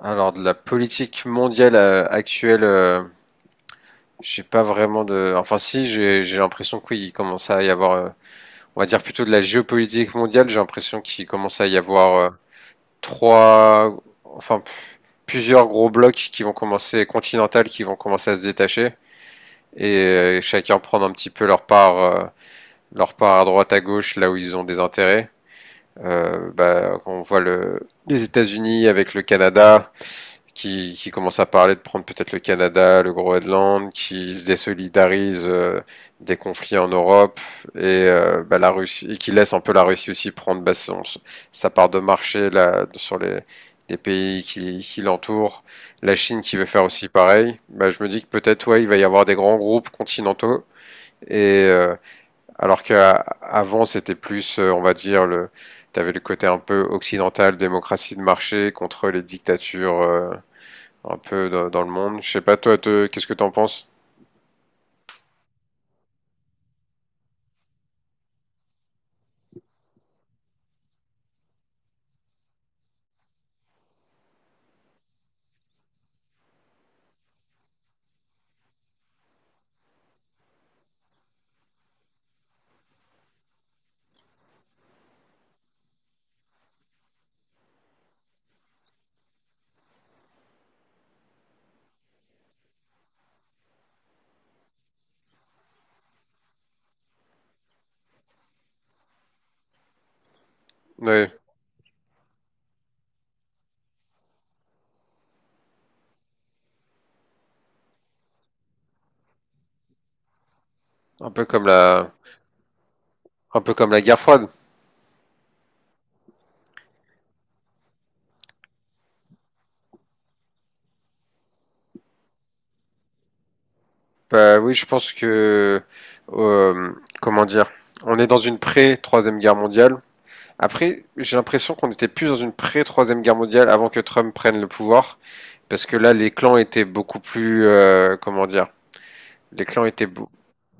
Alors de la politique mondiale actuelle, j'ai pas vraiment de. Enfin si, j'ai l'impression qu'il oui, commence à y avoir. On va dire plutôt de la géopolitique mondiale. J'ai l'impression qu'il commence à y avoir trois, enfin p- plusieurs gros blocs qui vont commencer continentales qui vont commencer à se détacher et chacun prendre un petit peu leur part à droite à gauche là où ils ont des intérêts. Bah, on voit le les États-Unis avec le Canada, qui commence à parler de prendre peut-être le Canada, le Groenland, qui se désolidarise des conflits en Europe et bah, la Russie, et qui laisse un peu la Russie aussi prendre bah, sa part de marché là sur les pays qui l'entourent. La Chine qui veut faire aussi pareil. Bah, je me dis que peut-être ouais, il va y avoir des grands groupes continentaux et alors qu'avant c'était plus, on va dire le t'avais le côté un peu occidental, démocratie de marché contre les dictatures un peu dans le monde. Je sais pas toi, qu'est-ce que t'en penses? Oui, un peu comme la, un peu comme la guerre froide. Bah oui, euh, comment dire, on est dans une pré-troisième guerre mondiale. Après, j'ai l'impression qu'on était plus dans une pré-troisième guerre mondiale avant que Trump prenne le pouvoir, parce que là, les clans étaient beaucoup plus, comment dire. Les clans étaient bou-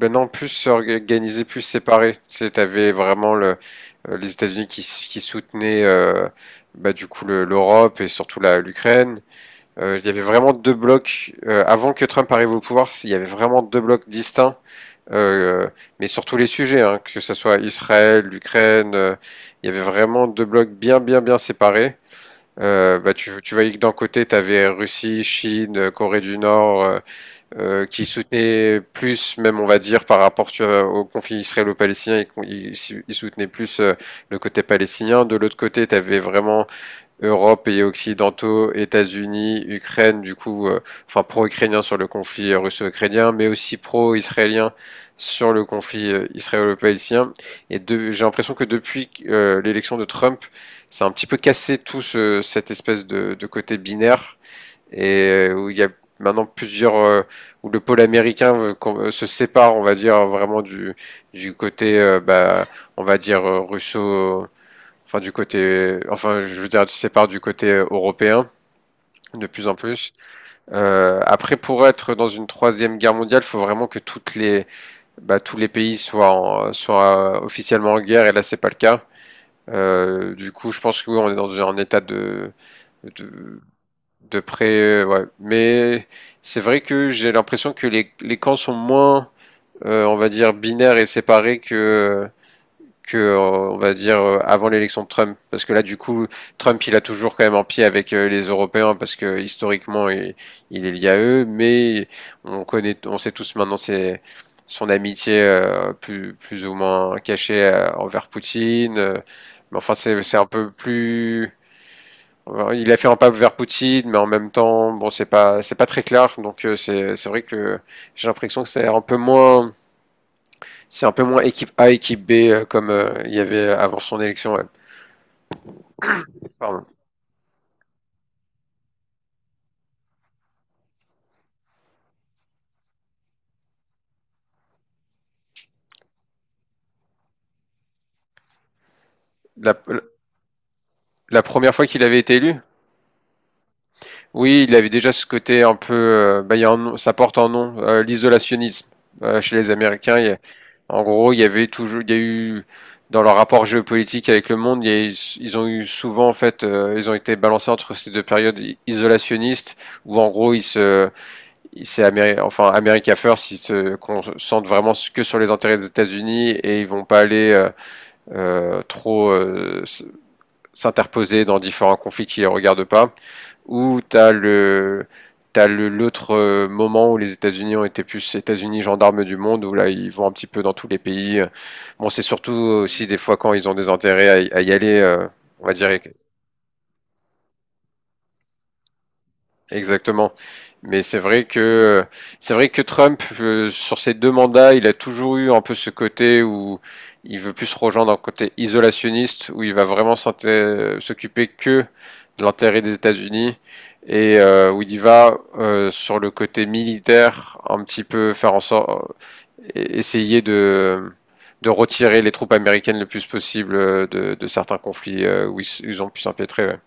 Maintenant plus organisés, plus séparés. Tu sais, t'avais vraiment le, les États-Unis qui soutenaient bah, du coup l'Europe et surtout l'Ukraine. Il y avait vraiment deux blocs. Avant que Trump arrive au pouvoir, il y avait vraiment deux blocs distincts. euh, mais sur tous les sujets, hein, que ce soit Israël, l'Ukraine, il y avait vraiment deux blocs bien, bien, bien séparés. Tu voyais que d'un côté, tu avais Russie, Chine, Corée du Nord, qui soutenait plus, même on va dire par rapport tu vois, au conflit israélo-palestinien, il soutenait plus le côté palestinien. De l'autre côté, tu avais vraiment Europe, pays occidentaux, États-Unis, Ukraine, du coup, enfin pro-ukrainien sur le conflit russo-ukrainien, mais aussi pro-israélien sur le conflit israélo-palestinien. Et de, j'ai l'impression que depuis l'élection de Trump, c'est un petit peu cassé tout cette espèce de côté binaire et où il y a maintenant plusieurs où le pôle américain veut qu'on se sépare, on va dire vraiment du côté bah on va dire russo enfin du côté enfin je veux dire se sépare du côté européen de plus en plus. Après pour être dans une troisième guerre mondiale, faut vraiment que toutes les bah, tous les pays soient soient officiellement en guerre et là c'est pas le cas. Du coup, je pense que oui, on est dans un état de de de près, ouais. Mais c'est vrai que j'ai l'impression que les camps sont moins, on va dire, binaires et séparés que on va dire, avant l'élection de Trump. Parce que là, du coup, Trump, il a toujours quand même un pied avec les Européens parce que historiquement, il est lié à eux. Mais on connaît, on sait tous maintenant c'est son amitié plus ou moins cachée envers Poutine. Mais enfin, c'est un peu plus alors, il a fait un pas vers Poutine, mais en même temps, bon, c'est pas très clair. Donc c'est vrai que j'ai l'impression que c'est un peu moins, c'est un peu moins équipe A, équipe B comme il y avait avant son élection. Ouais. Pardon. La, la première fois qu'il avait été élu. Oui, il avait déjà ce côté un peu, bah, il y a un nom- ça porte un nom, l'isolationnisme chez les Américains. En gros, il y a eu dans leur rapport géopolitique avec le monde, il y a eu- ils ont eu souvent en fait, ils ont été balancés entre ces deux périodes isolationnistes où en gros c'est enfin America First, ils se concentrent vraiment que sur les intérêts des États-Unis et ils vont pas aller euh, trop euh, s- s'interposer dans différents conflits qui les regardent pas. Ou t'as le l'autre moment où les États-Unis ont été plus États-Unis gendarmes du monde où là ils vont un petit peu dans tous les pays. Bon, c'est surtout aussi des fois quand ils ont des intérêts à y aller, on va dire exactement. Mais c'est vrai que Trump, sur ses deux mandats, il a toujours eu un peu ce côté où il veut plus se rejoindre un côté isolationniste, où il va vraiment s'occuper que de l'intérêt des États-Unis et où il y va sur le côté militaire, un petit peu faire en sorte, essayer de retirer les troupes américaines le plus possible de certains conflits ils ont pu s'empêtrer. Ouais.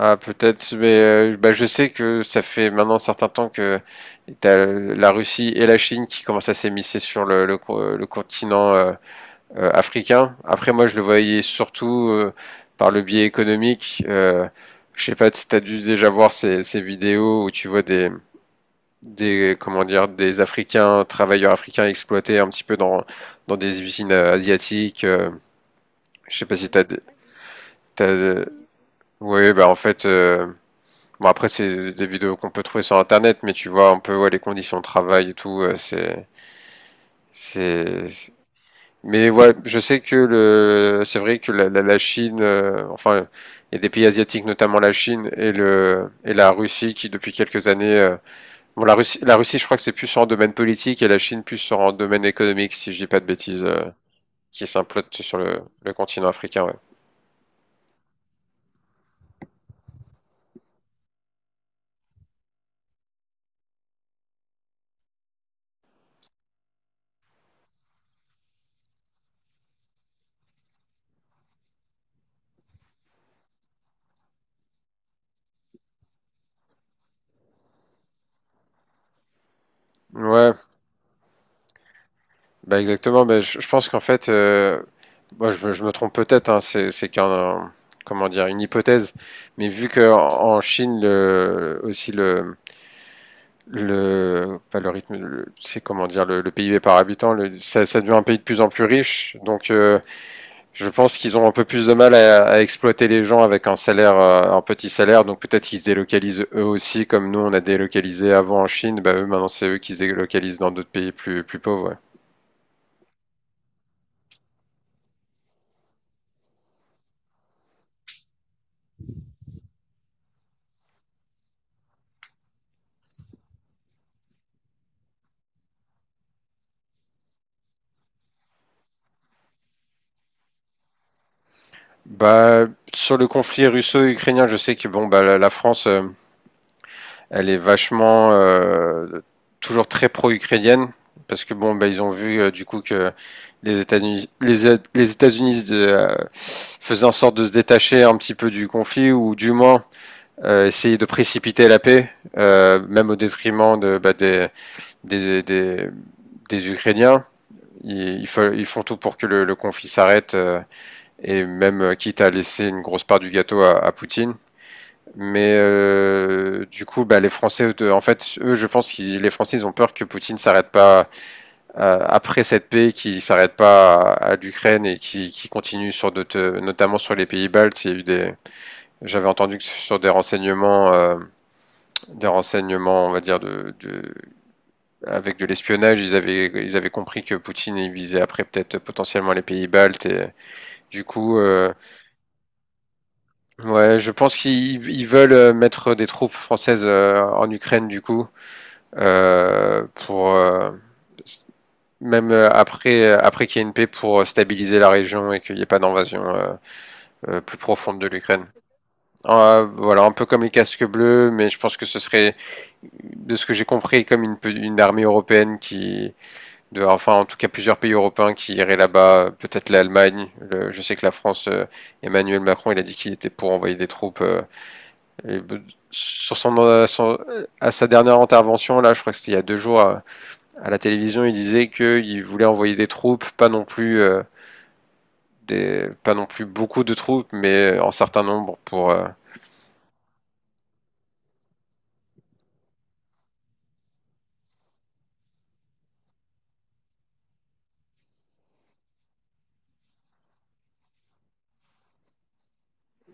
Ah, peut-être, mais bah, je sais que ça fait maintenant un certain temps que t'as la Russie et la Chine qui commencent à s'émisser sur le continent africain. Après, moi, je le voyais surtout par le biais économique. Je sais pas si t'as dû déjà voir ces vidéos où tu vois comment dire, des Africains, travailleurs africains exploités un petit peu dans des usines asiatiques. Je sais pas si t'as, t'as, Ouais, bah en fait. Bon, après, c'est des vidéos qu'on peut trouver sur Internet, mais tu vois un peu ouais, les conditions de travail et tout. C'est, c'est. Mais ouais, je sais c'est vrai que la Chine, enfin, il y a des pays asiatiques, notamment la Chine et le et la Russie, qui depuis quelques années, bon, la Russie, je crois que c'est plus sur un domaine politique et la Chine plus sur un domaine économique, si je dis pas de bêtises, qui s'implotent sur le continent africain. Ouais, ouais, bah exactement, bah, je pense qu'en fait, je me trompe peut-être, hein, comment dire, une hypothèse, mais vu que en Chine, le, aussi le, pas le rythme, le- c'est comment dire, le PIB par habitant, ça devient un pays de plus en plus riche, donc je pense qu'ils ont un peu plus de mal à exploiter les gens avec un salaire, un petit salaire, donc peut-être qu'ils se délocalisent eux aussi, comme nous on a délocalisé avant en Chine, bah eux maintenant c'est eux qui se délocalisent dans d'autres pays plus, plus pauvres. Ouais. Bah, sur le conflit russo-ukrainien, je sais que bon, bah, la France, elle est vachement toujours très pro-ukrainienne parce que bon, bah, ils ont vu du coup que les États-Unis faisaient en sorte de se détacher un petit peu du conflit ou du moins essayer de précipiter la paix, même au détriment de, bah, des, des, des Ukrainiens. Ils font tout pour que le conflit s'arrête. Et même quitte à laisser une grosse part du gâteau à Poutine. Mais du coup, bah, les Français, en fait, eux, je pense que les Français, ils ont peur que Poutine s'arrête pas après cette paix, qu'il s'arrête pas à l'Ukraine et qu'il continue sur d'autres, notamment sur les pays baltes. Il y a eu des, J'avais entendu que sur des renseignements, on va dire de avec de l'espionnage, ils avaient compris que Poutine il visait après peut-être potentiellement les pays baltes et du coup, ouais, je pense qu'ils veulent mettre des troupes françaises en Ukraine du coup pour même après après qu'il y ait une paix pour stabiliser la région et qu'il n'y ait pas d'invasion plus profonde de l'Ukraine. Voilà, un peu comme les casques bleus, mais je pense que ce serait de ce que j'ai compris comme une armée européenne qui de enfin en tout cas plusieurs pays européens qui iraient là-bas, peut-être l'Allemagne, je sais que la France Emmanuel Macron, il a dit qu'il était pour envoyer des troupes et euh, sur son, à sa dernière intervention, là, je crois que c'était il y a deux jours à la télévision, il disait qu'il voulait envoyer des troupes, pas non plus pas non plus beaucoup de troupes, mais en certain nombre pour.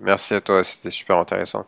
Merci à toi, c'était super intéressant.